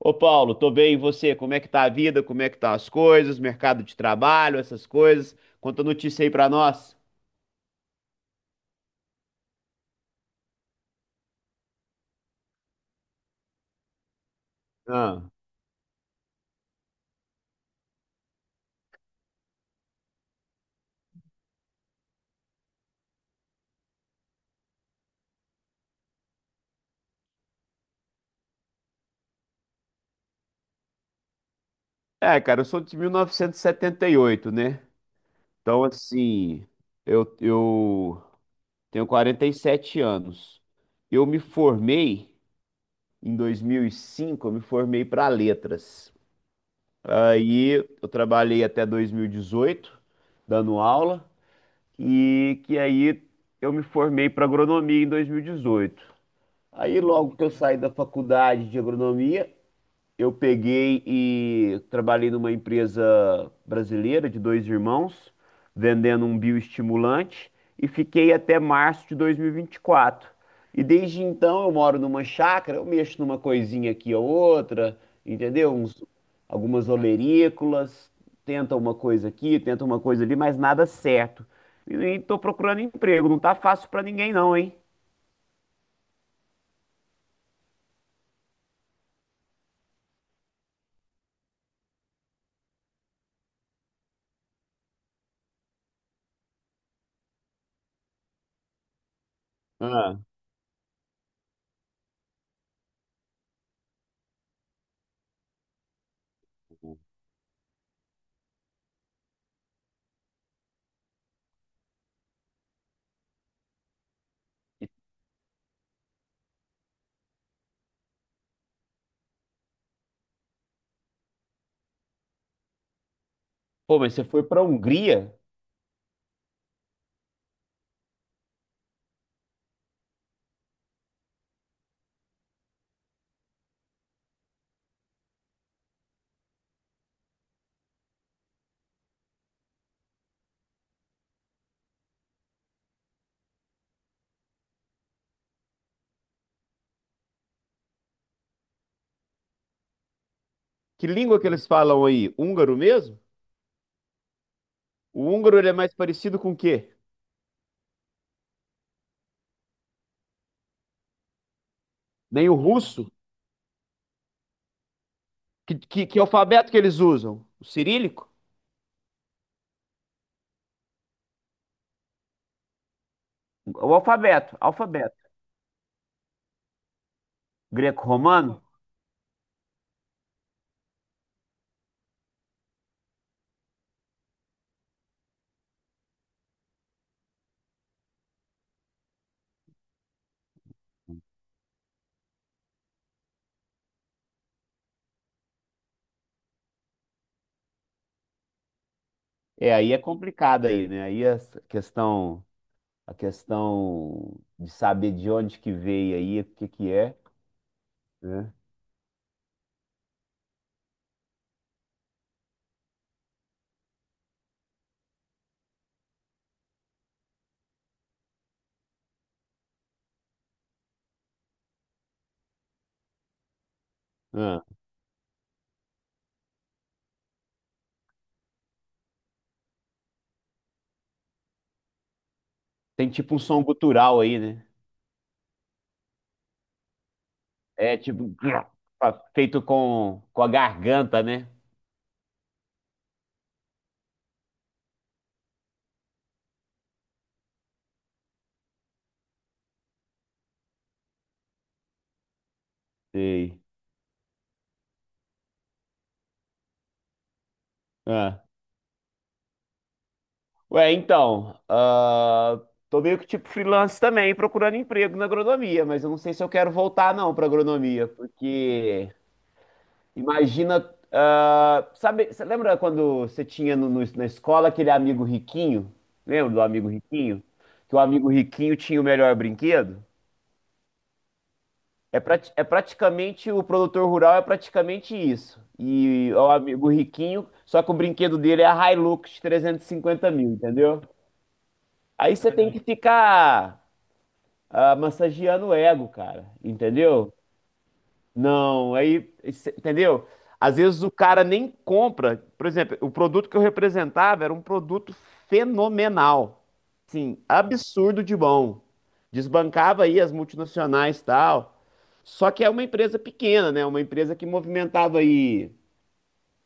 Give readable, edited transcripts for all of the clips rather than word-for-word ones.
Ô Paulo, tô bem, e você? Como é que tá a vida? Como é que tá as coisas? Mercado de trabalho, essas coisas? Conta notícia aí pra nós. Ah. É, cara, eu sou de mil novecentos e setenta e oito, né? Então, assim, eu tenho 47 anos. Eu me formei em 2005. Eu me formei para letras. Aí eu trabalhei até 2018 dando aula, e que aí eu me formei para agronomia em 2018. Aí, logo que eu saí da faculdade de agronomia, eu peguei e trabalhei numa empresa brasileira de dois irmãos, vendendo um bioestimulante, e fiquei até março de 2024. E vinte e quatro. E desde então eu moro numa chácara, eu mexo numa coisinha aqui ou outra, entendeu? Algumas olerícolas, tenta uma coisa aqui, tenta uma coisa ali, mas nada certo. E tô procurando emprego, não tá fácil pra ninguém não, hein? Ah. Pô, mas você foi pra Hungria? Que língua que eles falam aí? Húngaro mesmo? O húngaro ele é mais parecido com o quê? Nem o russo? Que alfabeto que eles usam? O cirílico? O alfabeto, alfabeto. Greco-romano? É, aí é complicado aí, né? Aí questão, a questão de saber de onde que veio aí, o que que é, né? Ah, tem tipo um som gutural aí, né? É tipo feito com a garganta, né? Sei. Ah. Ué, então, ah, tô meio que tipo freelance também, procurando emprego na agronomia, mas eu não sei se eu quero voltar não para agronomia, porque imagina, ah, sabe, você lembra quando você tinha na escola aquele amigo riquinho? Lembra do amigo riquinho? Que o amigo riquinho tinha o melhor brinquedo? É praticamente, o produtor rural é praticamente isso. E o amigo riquinho, só que o brinquedo dele é a Hilux de 350 mil, entendeu? Aí você tem que ficar massageando o ego, cara, entendeu? Não, aí, isso, entendeu? Às vezes o cara nem compra. Por exemplo, o produto que eu representava era um produto fenomenal. Sim, absurdo de bom. Desbancava aí as multinacionais e tal. Só que é uma empresa pequena, né? Uma empresa que movimentava aí,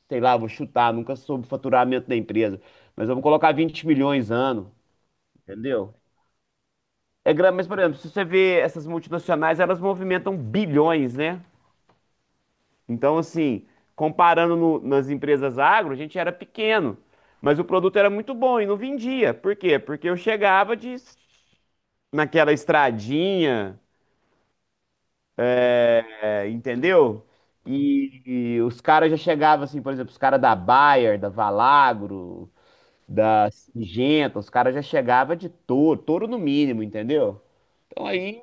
sei lá, vou chutar, nunca soube o faturamento da empresa, mas vamos colocar 20 milhões ano, entendeu? É grande, mas, por exemplo, se você vê essas multinacionais, elas movimentam bilhões, né? Então, assim, comparando nas empresas agro, a gente era pequeno, mas o produto era muito bom e não vendia. Por quê? Porque eu chegava de, naquela estradinha, é, entendeu? E, e os caras já chegavam, assim, por exemplo, os caras da Bayer, da Valagro, da Singenta, os caras já chegavam de touro, touro no mínimo, entendeu? Então aí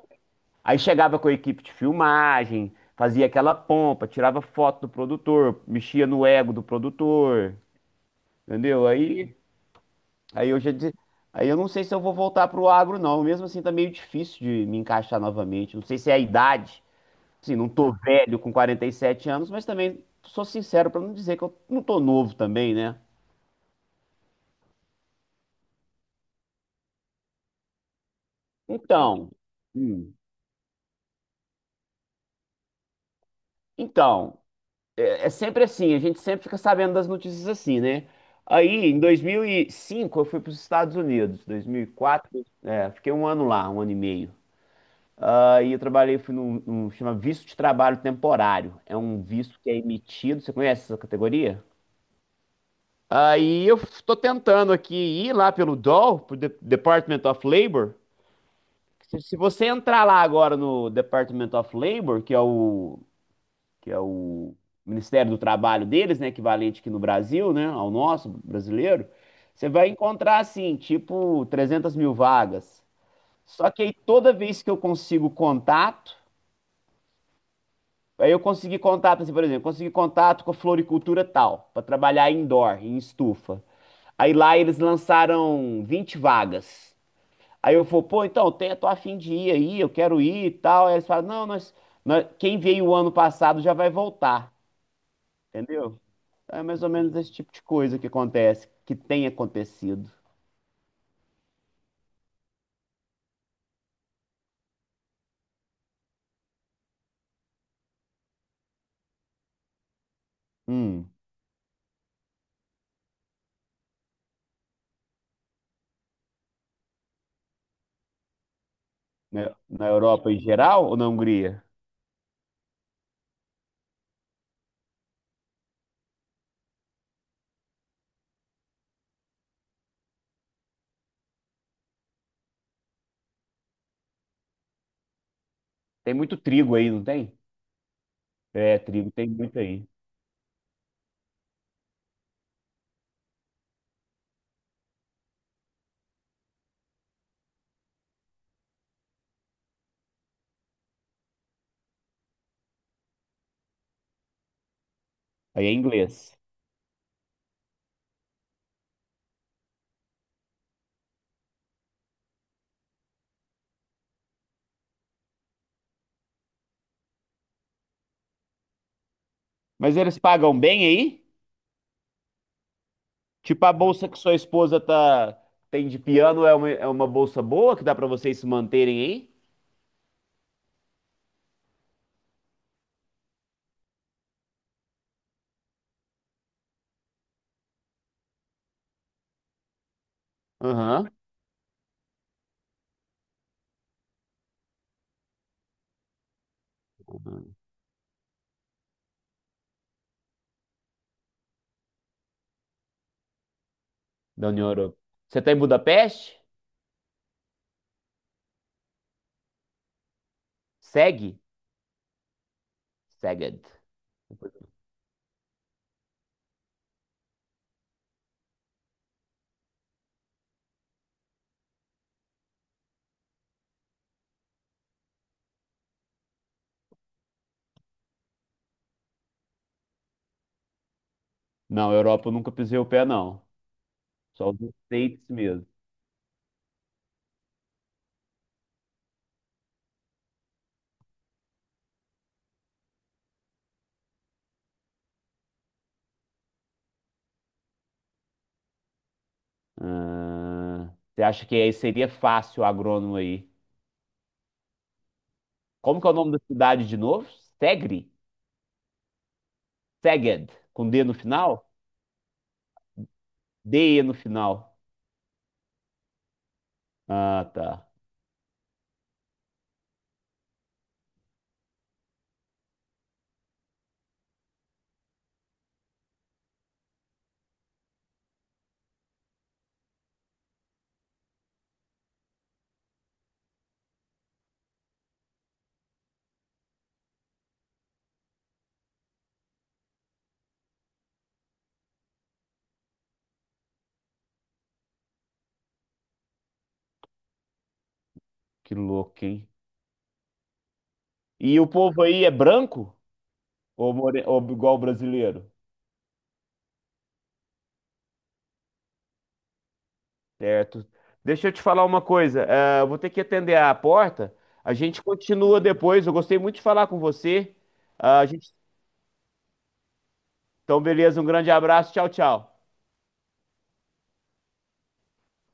Aí chegava com a equipe de filmagem, fazia aquela pompa, tirava foto do produtor, mexia no ego do produtor, entendeu? Aí, aí eu já disse, aí eu não sei se eu vou voltar pro agro não, mesmo assim tá meio difícil de me encaixar novamente. Não sei se é a idade, assim, não tô velho com 47 anos, mas também sou sincero pra não dizer que eu não tô novo também, né? Então, hum, então, é sempre assim, a gente sempre fica sabendo das notícias assim, né? Aí, em 2005, eu fui para os Estados Unidos, 2004, é, fiquei um ano lá, um ano e meio. Aí eu trabalhei, fui chama visto de trabalho temporário. É um visto que é emitido, você conhece essa categoria? Aí eu estou tentando aqui ir lá pelo DOL, pro Department of Labor. Se você entrar lá agora no Department of Labor, que é o Ministério do Trabalho deles, né, equivalente aqui no Brasil, né, ao nosso brasileiro, você vai encontrar assim, tipo 300 mil vagas. Só que aí toda vez que eu consigo contato, aí eu consegui contato, assim, por exemplo, consegui contato com a floricultura tal, para trabalhar indoor, em estufa. Aí lá eles lançaram 20 vagas. Aí eu falo, pô, então, tô a de ir aí, eu quero ir e tal. Aí eles falam, não, quem veio o ano passado já vai voltar, entendeu? É mais ou menos esse tipo de coisa que acontece, que tem acontecido. Hum, na, na Europa em geral ou na Hungria? Tem muito trigo aí, não tem? É, trigo tem muito aí. Aí é inglês. Mas eles pagam bem aí? Tipo a bolsa que sua esposa tá tem de piano é uma bolsa boa que dá pra vocês se manterem aí? Aham. Da União Europeia. Você tá em Budapeste? Segue? Seged. Não, Europa eu nunca pisei o pé, não. Só os States mesmo. Ah, você acha que aí seria fácil o agrônomo aí? Como que é o nome da cidade de novo? Segre? Seged, com D no final? DE no final. Ah, tá. Que louco, hein? E o povo aí é branco? Ou, more... ou igual o brasileiro? Certo. Deixa eu te falar uma coisa. Eu vou ter que atender a porta. A gente continua depois. Eu gostei muito de falar com você. Ah, a gente... Então, beleza. Um grande abraço. Tchau, tchau.